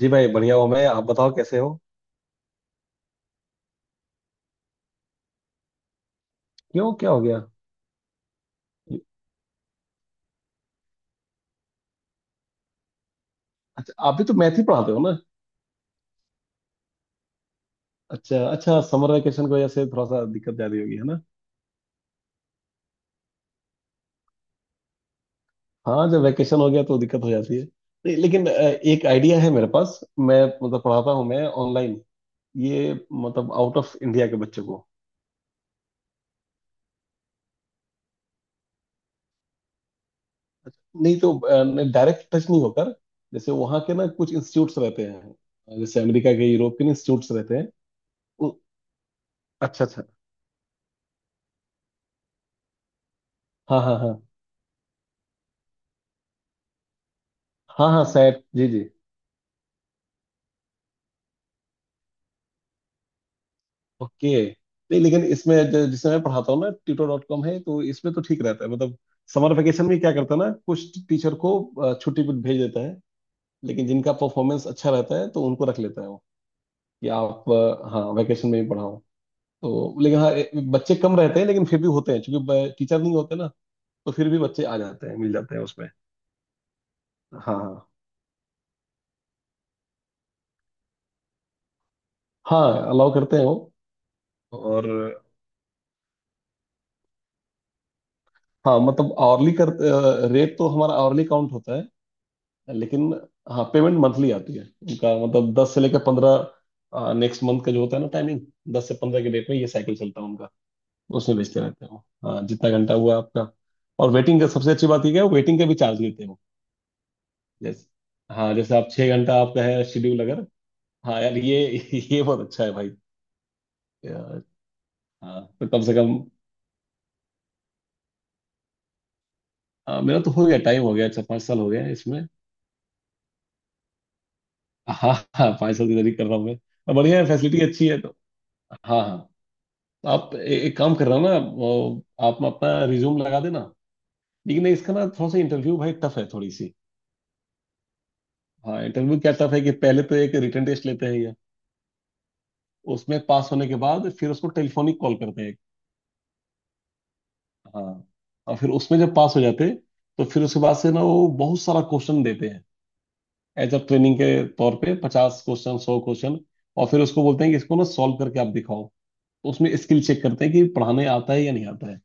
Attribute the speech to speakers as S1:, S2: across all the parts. S1: जी भाई बढ़िया हूँ मैं। आप बताओ कैसे हो। क्यों, क्या हो गया। अच्छा, आप भी तो मैथ ही पढ़ाते हो ना। अच्छा अच्छा, समर वेकेशन की वजह से थोड़ा सा दिक्कत ज्यादा होगी, है ना। हाँ, जब वेकेशन हो गया तो दिक्कत हो जाती है। नहीं, लेकिन एक आइडिया है मेरे पास। मैं मतलब पढ़ाता हूँ मैं ऑनलाइन, ये मतलब आउट ऑफ इंडिया के बच्चों को। अच्छा, नहीं तो डायरेक्ट टच नहीं होकर, जैसे वहाँ के ना कुछ इंस्टीट्यूट्स रहते हैं, जैसे अमेरिका के यूरोप के इंस्टीट्यूट्स रहते हैं। उ- अच्छा अच्छा। हाँ हाँ हाँ। हाँ हाँ सैट। जी जी। ओके। नहीं लेकिन इसमें जिसे मैं पढ़ाता हूँ ना, ट्यूटर डॉट कॉम है, तो इसमें तो ठीक रहता है मतलब। समर वेकेशन में क्या करता है ना, कुछ टीचर को छुट्टी पे भेज देता है। लेकिन जिनका परफॉर्मेंस अच्छा रहता है तो उनको रख लेता है वो, कि आप हाँ वेकेशन में भी पढ़ाओ। तो लेकिन हाँ बच्चे कम रहते हैं लेकिन फिर भी होते हैं, क्योंकि टीचर नहीं होते ना। तो फिर भी बच्चे आ जाते हैं, मिल जाते हैं उसमें। हाँ। हाँ हाँ अलाउ करते हैं वो। और हाँ मतलब आवरली कर, रेट तो हमारा आवरली काउंट होता है, लेकिन हाँ पेमेंट मंथली आती है उनका। मतलब 10 से लेकर 15 नेक्स्ट मंथ का जो होता है ना टाइमिंग, 10 से 15 के डेट में ये साइकिल चलता है उनका। उसमें भेजते रहते हैं वो। हाँ, जितना घंटा हुआ आपका। और वेटिंग का सबसे अच्छी बात ये है, वेटिंग का भी चार्ज लेते हैं वो। जैसे, हाँ जैसे आप 6 घंटा आपका है शेड्यूल अगर। हाँ यार ये बहुत अच्छा है भाई। यार, हाँ तो कम से कम। हाँ, मेरा तो हो गया, टाइम हो गया अच्छा, 5 साल हो गया है इसमें। हाँ हाँ, 5 साल की तैयारी कर रहा हूँ मैं। और बढ़िया है, फैसिलिटी अच्छी है तो। हाँ हाँ। आप एक काम कर रहा हूँ ना वो, आप अपना रिज्यूम लगा देना। लेकिन इसका ना थोड़ा सा इंटरव्यू भाई टफ है थोड़ी सी। हाँ इंटरव्यू क्या टफ है कि पहले तो एक रिटन टेस्ट लेते हैं ये। उसमें पास होने के बाद फिर उसको टेलीफोनिक कॉल करते हैं। हाँ। और फिर उसमें जब पास हो जाते हैं, तो फिर उसके बाद से ना वो बहुत सारा क्वेश्चन देते हैं, एज अ ट्रेनिंग के तौर पे, 50 क्वेश्चन 100 क्वेश्चन। और फिर उसको बोलते हैं कि इसको ना सॉल्व करके आप दिखाओ, तो उसमें स्किल चेक करते हैं कि पढ़ाने आता है या नहीं आता है।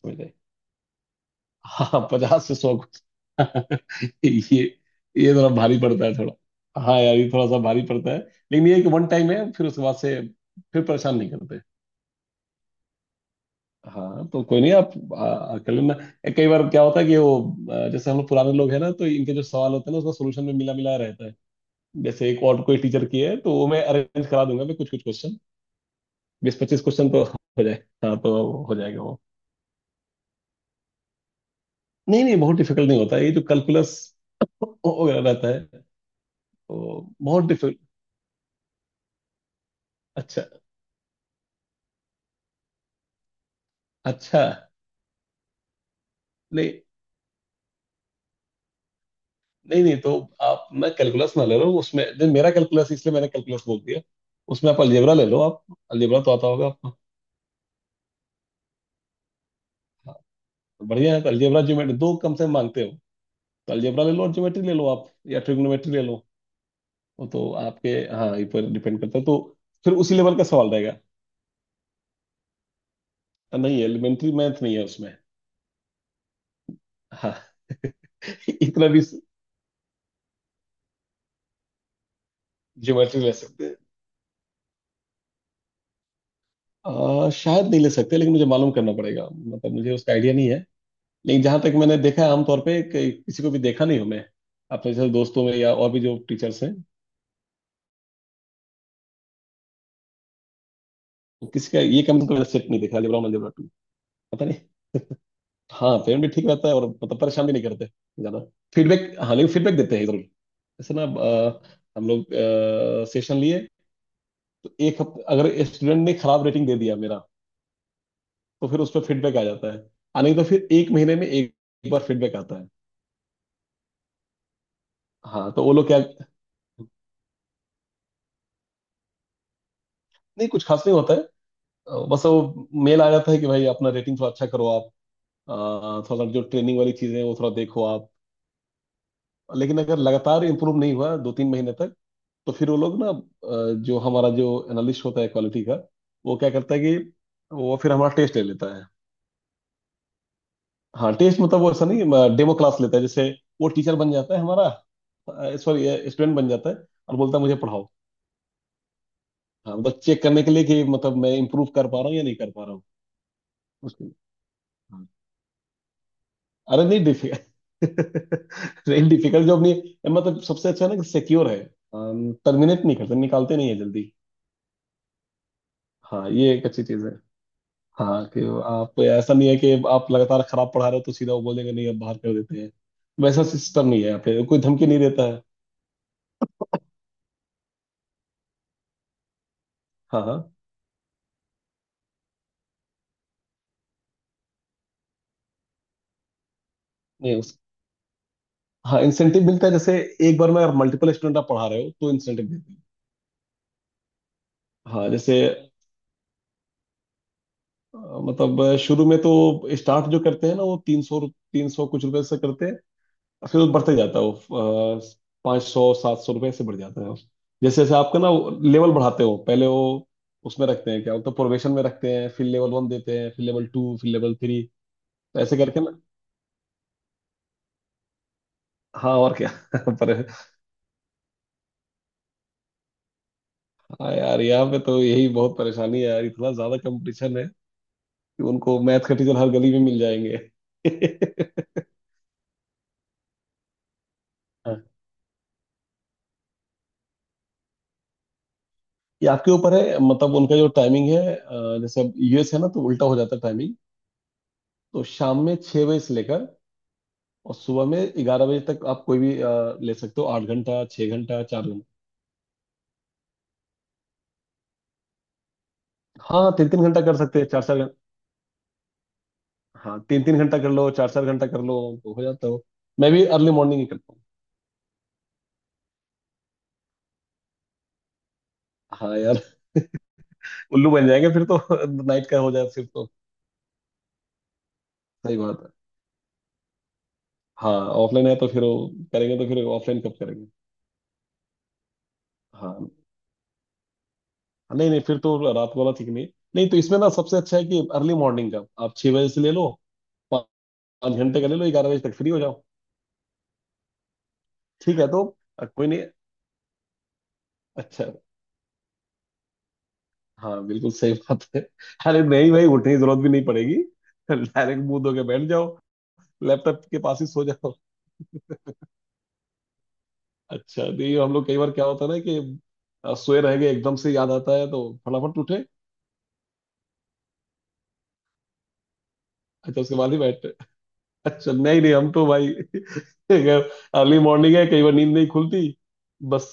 S1: समझ रहे। हाँ 50 से 100। ये ये थोड़ा भारी पड़ता है थोड़ा, हाँ यार ये थोड़ा सा भारी पड़ता है। लेकिन ये है कि वन टाइम है, फिर उसके बाद से फिर परेशान नहीं करते। हाँ तो कोई नहीं आप, कर लेना। कई बार क्या होता है कि वो जैसे हम लोग पुराने लोग हैं ना, तो इनके जो सवाल होते हैं ना उसका सोल्यूशन में मिला मिला रहता है। जैसे एक और कोई टीचर की है तो वो मैं अरेंज करा दूंगा, मैं कुछ कुछ क्वेश्चन, 20-25 क्वेश्चन तो हो जाए। हाँ तो हो जाएगा वो। नहीं नहीं बहुत डिफिकल्ट नहीं होता, ये जो कैलकुलस वगैरह रहता है वो बहुत डिफिकल्ट। अच्छा अच्छा। नहीं नहीं। नहीं तो आप ना कैलकुलस ना ले लो उसमें, नहीं मेरा कैलकुलस, इसलिए मैंने कैलकुलस बोल दिया। उसमें आप अलजेब्रा ले लो आप। अलजेब्रा तो आता होगा आपको। हाँ, तो बढ़िया है, तो अलजेब्रा ज्योमेट्री दो कम से मांगते हो, तो अलजेब्रा ले लो और ज्योमेट्री ले लो आप, या ट्रिग्नोमेट्री ले लो। वो तो आपके, हाँ ये पर डिपेंड करता है तो, फिर उसी लेवल का सवाल रहेगा। हाँ, नहीं एलिमेंट्री मैथ नहीं है उसमें। हाँ इतना भी। ज्योमेट्री ले सकते हैं। शायद नहीं ले सकते, लेकिन मुझे मालूम करना पड़ेगा, मतलब मुझे उसका आइडिया नहीं है। लेकिन जहां तक मैंने देखा है आमतौर पे, कि किसी को भी देखा नहीं हूं मैं, अपने जैसे दोस्तों में या और भी जो टीचर्स हैं, तो किसी का ये कम तो सेट नहीं देखा अलजेब्रा वन अलजेब्रा टू, पता नहीं। हाँ पेरेंट भी ठीक रहता है, और मतलब परेशान भी नहीं करते ज्यादा। फीडबैक, हाँ लेकिन फीडबैक देते हैं जरूर, जैसे ना हम लोग सेशन लिए, तो एक हफ्ते अगर स्टूडेंट ने खराब रेटिंग दे दिया मेरा, तो फिर उस पर फीडबैक आ जाता है। आ, नहीं तो फिर एक महीने में एक, एक बार फीडबैक आता है। हाँ तो वो लोग क्या, नहीं कुछ खास नहीं होता है। बस वो मेल आ जाता है कि भाई अपना रेटिंग थोड़ा अच्छा करो आप, अ, थोड़ा जो ट्रेनिंग वाली चीजें हैं वो थोड़ा देखो आप। लेकिन अगर लगातार इंप्रूव नहीं हुआ 2-3 महीने तक, तो फिर वो लोग ना जो हमारा जो एनालिस्ट होता है क्वालिटी का, वो क्या करता है कि वो फिर हमारा टेस्ट ले लेता है। हाँ टेस्ट मतलब वो ऐसा नहीं, डेमो क्लास लेता है जैसे वो टीचर बन जाता है हमारा, सॉरी स्टूडेंट बन जाता है, और बोलता है मुझे पढ़ाओ। हाँ मतलब चेक करने के लिए कि मतलब मैं इम्प्रूव कर पा रहा हूँ या नहीं कर पा रहा हूँ उसके लिए। हाँ। अरे नहीं डिफिकल्ट नहीं डिफिकल्ट जॉब नहीं है, मतलब सबसे अच्छा है ना कि सिक्योर है, टर्मिनेट नहीं करते, निकालते नहीं है जल्दी। हाँ ये एक अच्छी चीज है। हाँ कि आप, ऐसा नहीं है कि आप लगातार खराब पढ़ा रहे हो तो सीधा वो बोलेंगे नहीं अब बाहर कर देते हैं, वैसा सिस्टम नहीं है यहाँ पे, कोई धमकी नहीं देता है। हाँ हाँ। नहीं उस, हाँ इंसेंटिव मिलता है, जैसे एक बार में अगर मल्टीपल स्टूडेंट आप पढ़ा रहे हो तो इंसेंटिव देते हैं। हाँ जैसे अ, मतलब शुरू में तो स्टार्ट जो करते हैं ना वो 300 300 कुछ रुपए से करते हैं, फिर वो बढ़ते जाता है वो, 500 700 रुपये ऐसे बढ़ जाता है वो, जैसे जैसे आपका ना लेवल बढ़ाते हो, पहले वो उसमें रखते हैं क्या बोलते हैं प्रोबेशन में रखते हैं, फिर लेवल वन देते हैं फिर लेवल टू फिर लेवल थ्री, तो ऐसे करके ना। हाँ और क्या पर। हाँ यार यहाँ पे तो यही बहुत परेशानी है यार, इतना ज्यादा कंपटीशन है कि उनको मैथ के टीचर हर गली में मिल जाएंगे हाँ ये आपके ऊपर है, मतलब उनका जो टाइमिंग है जैसे अब यूएस है ना तो उल्टा हो जाता है टाइमिंग। तो शाम में 6 बजे से लेकर और सुबह में 11 बजे तक आप कोई भी ले सकते हो, 8 घंटा 6 घंटा 4 घंटा। हाँ तीन तीन घंटा कर सकते हैं चार चार घंटा। हाँ तीन तीन घंटा कर लो चार चार घंटा कर लो, तो हो जाता हो। मैं भी अर्ली मॉर्निंग ही करता हूँ। हाँ यार उल्लू बन जाएंगे फिर तो नाइट का हो जाए फिर तो। सही बात है। हाँ ऑफलाइन है तो फिर वो करेंगे तो फिर ऑफलाइन कब करेंगे। हाँ नहीं नहीं फिर तो रात वाला ठीक नहीं, नहीं तो इसमें ना सबसे अच्छा है कि अर्ली मॉर्निंग का आप 6 बजे से ले लो, 5 घंटे का ले लो 11 बजे तक फ्री हो जाओ। ठीक है तो कोई नहीं। अच्छा। हाँ बिल्कुल सही बात है। अरे नहीं भाई, उठने की जरूरत भी नहीं पड़ेगी, डायरेक्ट मुंह धो के बैठ जाओ, लैपटॉप के पास ही सो जाओ। अच्छा नहीं हम लोग, कई बार क्या होता है ना कि सोए रह गए, एकदम से याद आता है तो फटाफट उठे। अच्छा उसके बाद ही बैठते। अच्छा नहीं नहीं हम तो भाई अर्ली मॉर्निंग है कई बार नींद नहीं खुलती बस।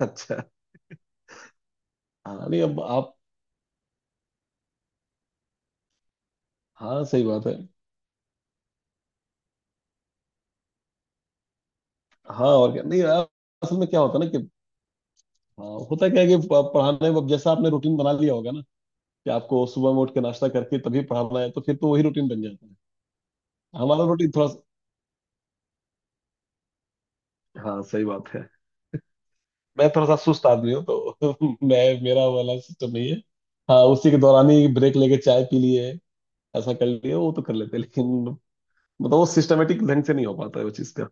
S1: अच्छा। हाँ नहीं अब आप, हाँ सही बात है। हाँ और क्या, नहीं असल में क्या होता है ना कि, हाँ होता क्या है कि पढ़ाने में अब जैसा आपने रूटीन बना लिया होगा ना कि आपको सुबह में उठ के नाश्ता करके तभी पढ़ाना है, तो फिर तो वही रूटीन बन जाता है। हमारा रूटीन थोड़ा सा-। हाँ सही बात है। मैं थोड़ा सा सुस्त आदमी हूँ तो मैं मेरा वाला सिस्टम नहीं है। हाँ उसी के दौरान ही ब्रेक लेके चाय पी लिए, ऐसा कर लिए वो तो कर लेते हैं, लेकिन मतलब वो सिस्टमेटिक ढंग से नहीं हो पाता है वो चीज़ का।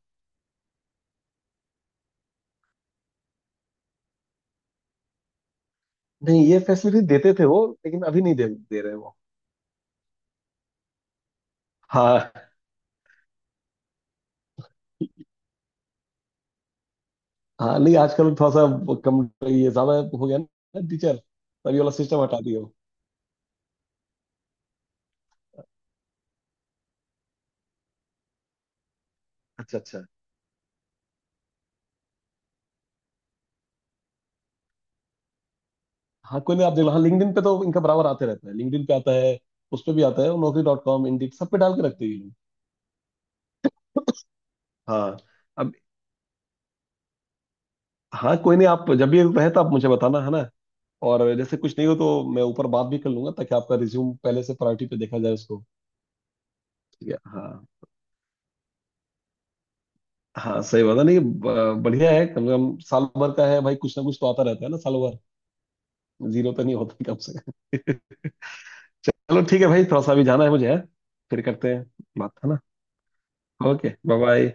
S1: नहीं ये फैसिलिटी देते थे वो, लेकिन अभी नहीं दे रहे वो। हाँ हाँ नहीं आजकल थोड़ा सा वो कम, ये ज्यादा हो गया ना टीचर, तभी वाला सिस्टम हटा दिया वो। अच्छा अच्छा। हाँ कोई नहीं आप देख लो, हाँ लिंक्डइन पे तो इनका बराबर आते रहता है, लिंक्डइन पे आता है, उस पे भी आता है, नौकरी डॉट कॉम इंडीड सब पे डाल के रखते हैं ये लोग। हाँ। अब, हाँ कोई नहीं आप जब भी रहे तो आप मुझे बताना है ना, और जैसे कुछ नहीं हो तो मैं ऊपर बात भी कर लूंगा, ताकि आपका रिज्यूम पहले से प्रायोरिटी पे देखा जाए उसको। ठीक है। हाँ हाँ सही बात है, नहीं बढ़िया है, कम से कम साल भर का है भाई, कुछ ना कुछ तो आता रहता है ना साल भर। जीरो तो नहीं होता कम से कम चलो ठीक है भाई, थोड़ा सा अभी जाना है मुझे है, फिर करते हैं, बात है ना। Okay bye bye.